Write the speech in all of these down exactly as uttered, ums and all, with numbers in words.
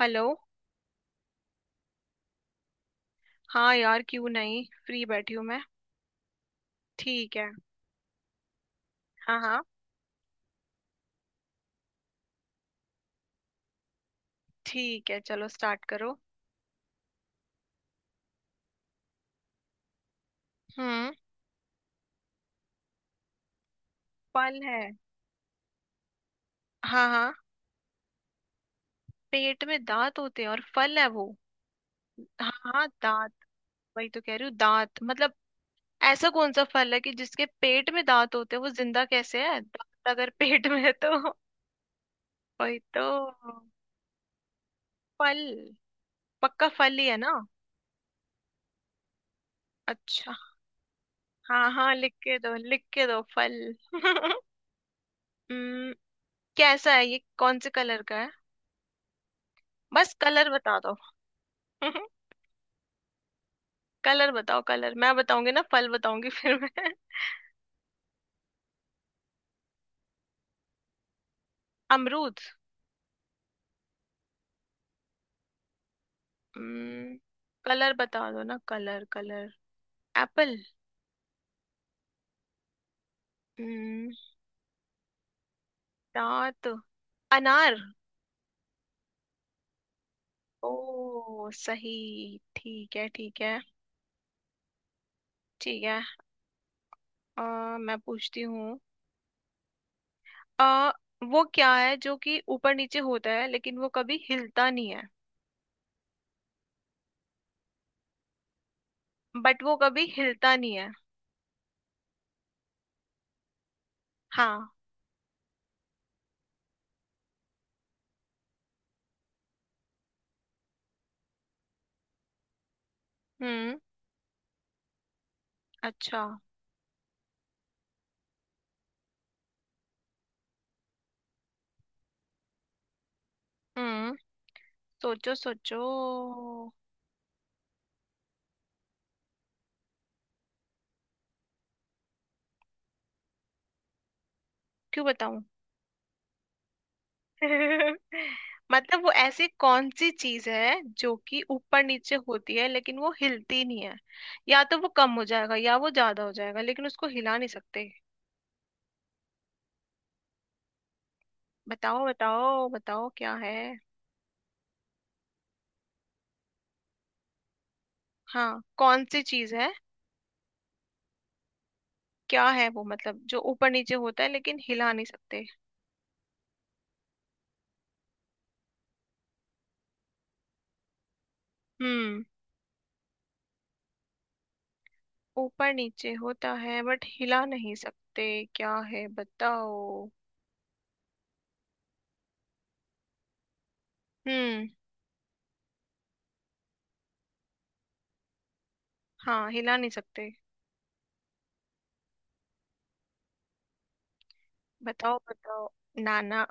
Hello. हाँ यार, क्यों नहीं, फ्री बैठी हूँ मैं। ठीक है। हाँ हाँ। ठीक है, चलो स्टार्ट करो। हम्म। फल है। हाँ हाँ। पेट में दांत होते हैं और फल है वो। हाँ हाँ दांत। वही तो कह रही हूँ, दांत मतलब। ऐसा कौन सा फल है कि जिसके पेट में दांत होते हैं? वो जिंदा कैसे है दांत अगर पेट में है तो। वही तो। फल। पक्का फल ही है ना। अच्छा। हाँ हाँ, लिख के दो, लिख के दो फल। हम्म। कैसा है ये, कौन से कलर का है? बस कलर बता दो। कलर बताओ, कलर मैं बताऊंगी ना, फल बताऊंगी फिर मैं। अमरूद। हम्म। कलर बता दो ना, कलर कलर। एप्पल। हम्म। दांत। अनार। ओ सही। ठीक है ठीक है। ठीक है। अ, मैं पूछती हूँ। अ वो क्या है जो कि ऊपर नीचे होता है लेकिन वो कभी हिलता नहीं है। बट वो कभी हिलता नहीं है। हाँ। हम्म। अच्छा। हम्म। सोचो सोचो। क्यों बताऊं? मतलब वो ऐसी कौन सी चीज है जो कि ऊपर नीचे होती है लेकिन वो हिलती नहीं है। या तो वो कम हो जाएगा या वो ज्यादा हो जाएगा लेकिन उसको हिला नहीं सकते। बताओ बताओ बताओ क्या है। हाँ कौन सी चीज है। क्या है वो मतलब, जो ऊपर नीचे होता है लेकिन हिला नहीं सकते। हम्म। ऊपर नीचे होता है बट हिला नहीं सकते। क्या है बताओ। हम्म। हाँ हिला नहीं सकते। बताओ बताओ। ना ना।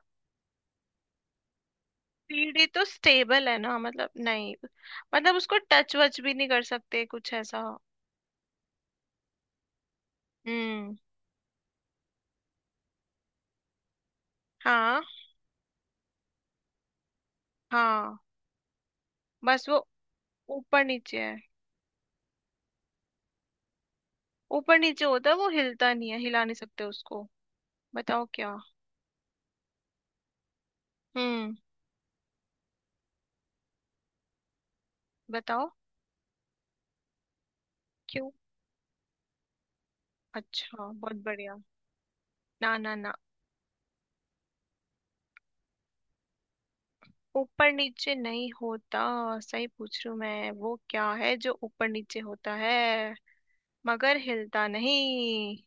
सीढ़ी तो स्टेबल है ना, मतलब नहीं। मतलब उसको टच वच भी नहीं कर सकते, कुछ ऐसा। हम्म। हाँ हाँ। बस वो ऊपर नीचे है। ऊपर नीचे होता है, वो हिलता नहीं है, हिला नहीं सकते उसको। बताओ क्या। हम्म। बताओ। क्यों? अच्छा बहुत बढ़िया। ना ना ना। ऊपर नीचे नहीं होता। सही पूछ रही हूँ मैं, वो क्या है जो ऊपर नीचे होता है मगर हिलता नहीं।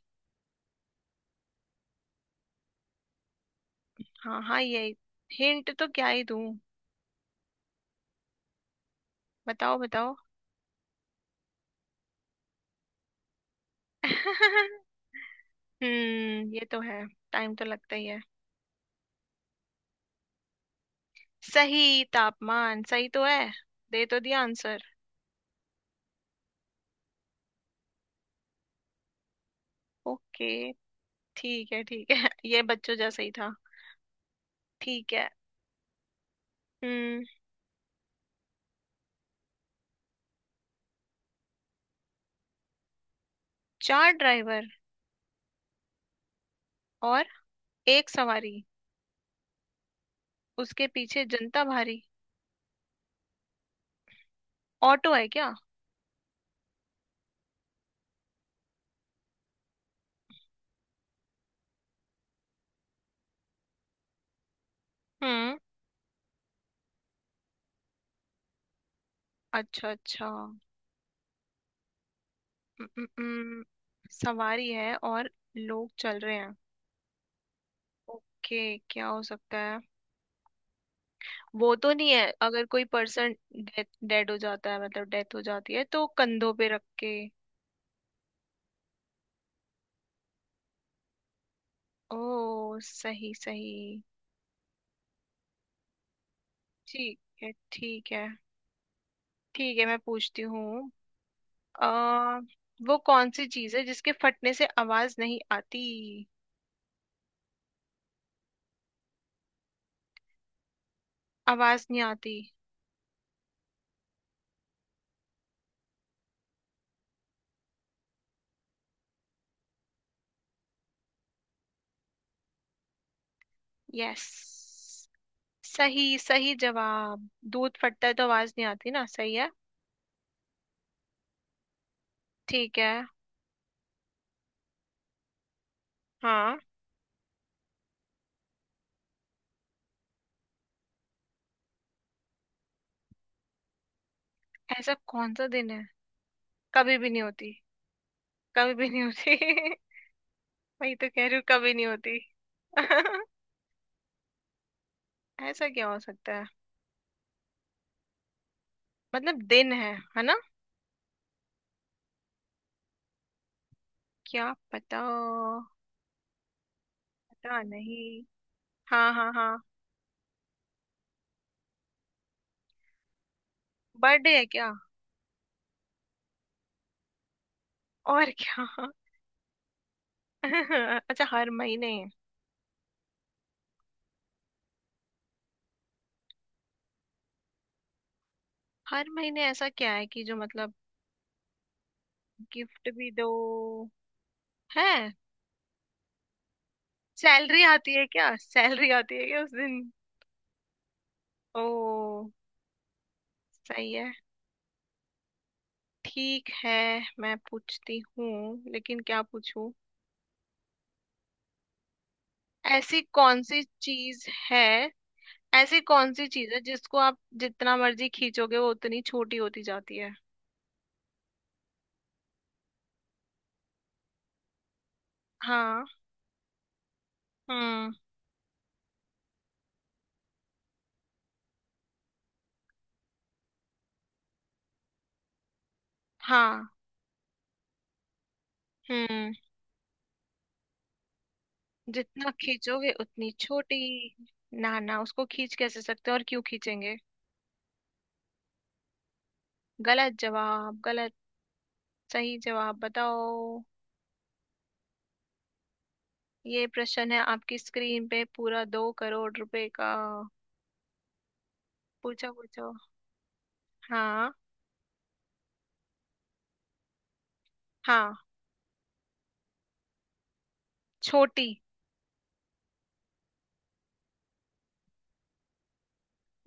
हाँ हाँ यही। हिंट तो क्या ही दूं। बताओ बताओ। हम्म ये तो है। टाइम तो लगता ही है। सही, तापमान सही तो है। दे तो दिया आंसर। ओके। ठीक है ठीक है। ये बच्चों जैसा ही था। ठीक है। हम्म। चार ड्राइवर और एक सवारी उसके पीछे जनता भारी। ऑटो है क्या? हम्म। अच्छा अच्छा। हम्म, हम्म, हम्म। सवारी है और लोग चल रहे हैं। ओके क्या हो सकता है। वो तो नहीं है, अगर कोई पर्सन डेड हो जाता है, मतलब डेथ हो जाती है, तो कंधों पे रख के। ओ सही सही। ठीक है ठीक है। ठीक है मैं पूछती हूँ। आ वो कौन सी चीज है जिसके फटने से आवाज नहीं आती। आवाज नहीं आती। यस। सही, सही जवाब, दूध फटता है तो आवाज नहीं आती ना, सही है। ठीक है। हाँ। ऐसा कौन सा दिन है, कभी भी नहीं होती। कभी भी नहीं होती। वही तो कह रही हूँ कभी नहीं होती। ऐसा क्या हो सकता है? मतलब दिन है है ना। क्या पता। पता नहीं। हाँ हाँ हाँ। बर्थडे है क्या? और क्या? अच्छा हर महीने। हर महीने ऐसा क्या है कि जो मतलब गिफ्ट भी दो है। सैलरी आती है क्या, सैलरी आती है क्या उस दिन? ओ सही है। ठीक है। मैं पूछती हूँ लेकिन क्या पूछूं। ऐसी कौन सी चीज है। ऐसी कौन सी चीज है जिसको आप जितना मर्जी खींचोगे वो उतनी छोटी होती जाती है। हाँ। हम्म। हाँ। हम्म। जितना खींचोगे उतनी छोटी। ना ना, उसको खींच कैसे सकते हैं और क्यों खींचेंगे। गलत जवाब गलत। सही जवाब बताओ। ये प्रश्न है आपकी स्क्रीन पे पूरा दो करोड़ रुपए का। पूछो पूछो। हाँ हाँ। छोटी।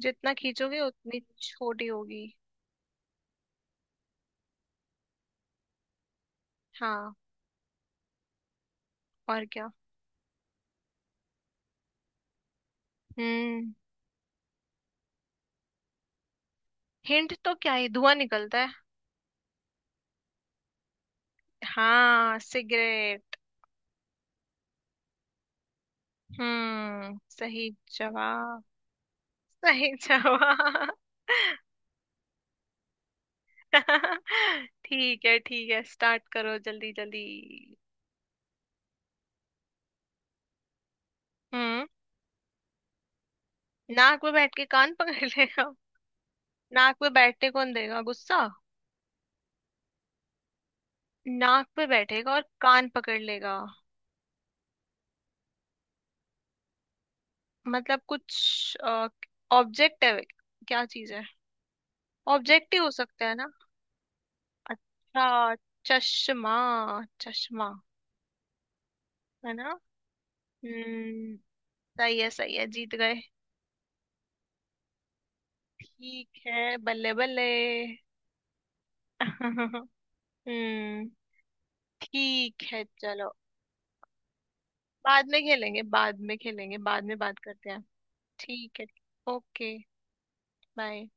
जितना खींचोगे उतनी छोटी होगी। हाँ। और क्या। हम्म। हिंट तो क्या है, धुआं निकलता है। हाँ सिगरेट। हम्म सही जवाब। सही जवाब। ठीक है ठीक है, स्टार्ट करो जल्दी जल्दी। हम्म। नाक पे बैठ के कान पकड़ लेगा। नाक पे बैठने कौन देगा, गुस्सा। नाक पे बैठेगा और कान पकड़ लेगा। मतलब कुछ ऑब्जेक्ट है। क्या चीज है। ऑब्जेक्ट ही हो सकता है ना। अच्छा। चश्मा। चश्मा। है ना। हम्म। सही है सही है, जीत गए। ठीक है बल्ले बल्ले। हम्म। ठीक है चलो, बाद में खेलेंगे, बाद में खेलेंगे, बाद में बात करते हैं। ठीक है। ओके। बाय।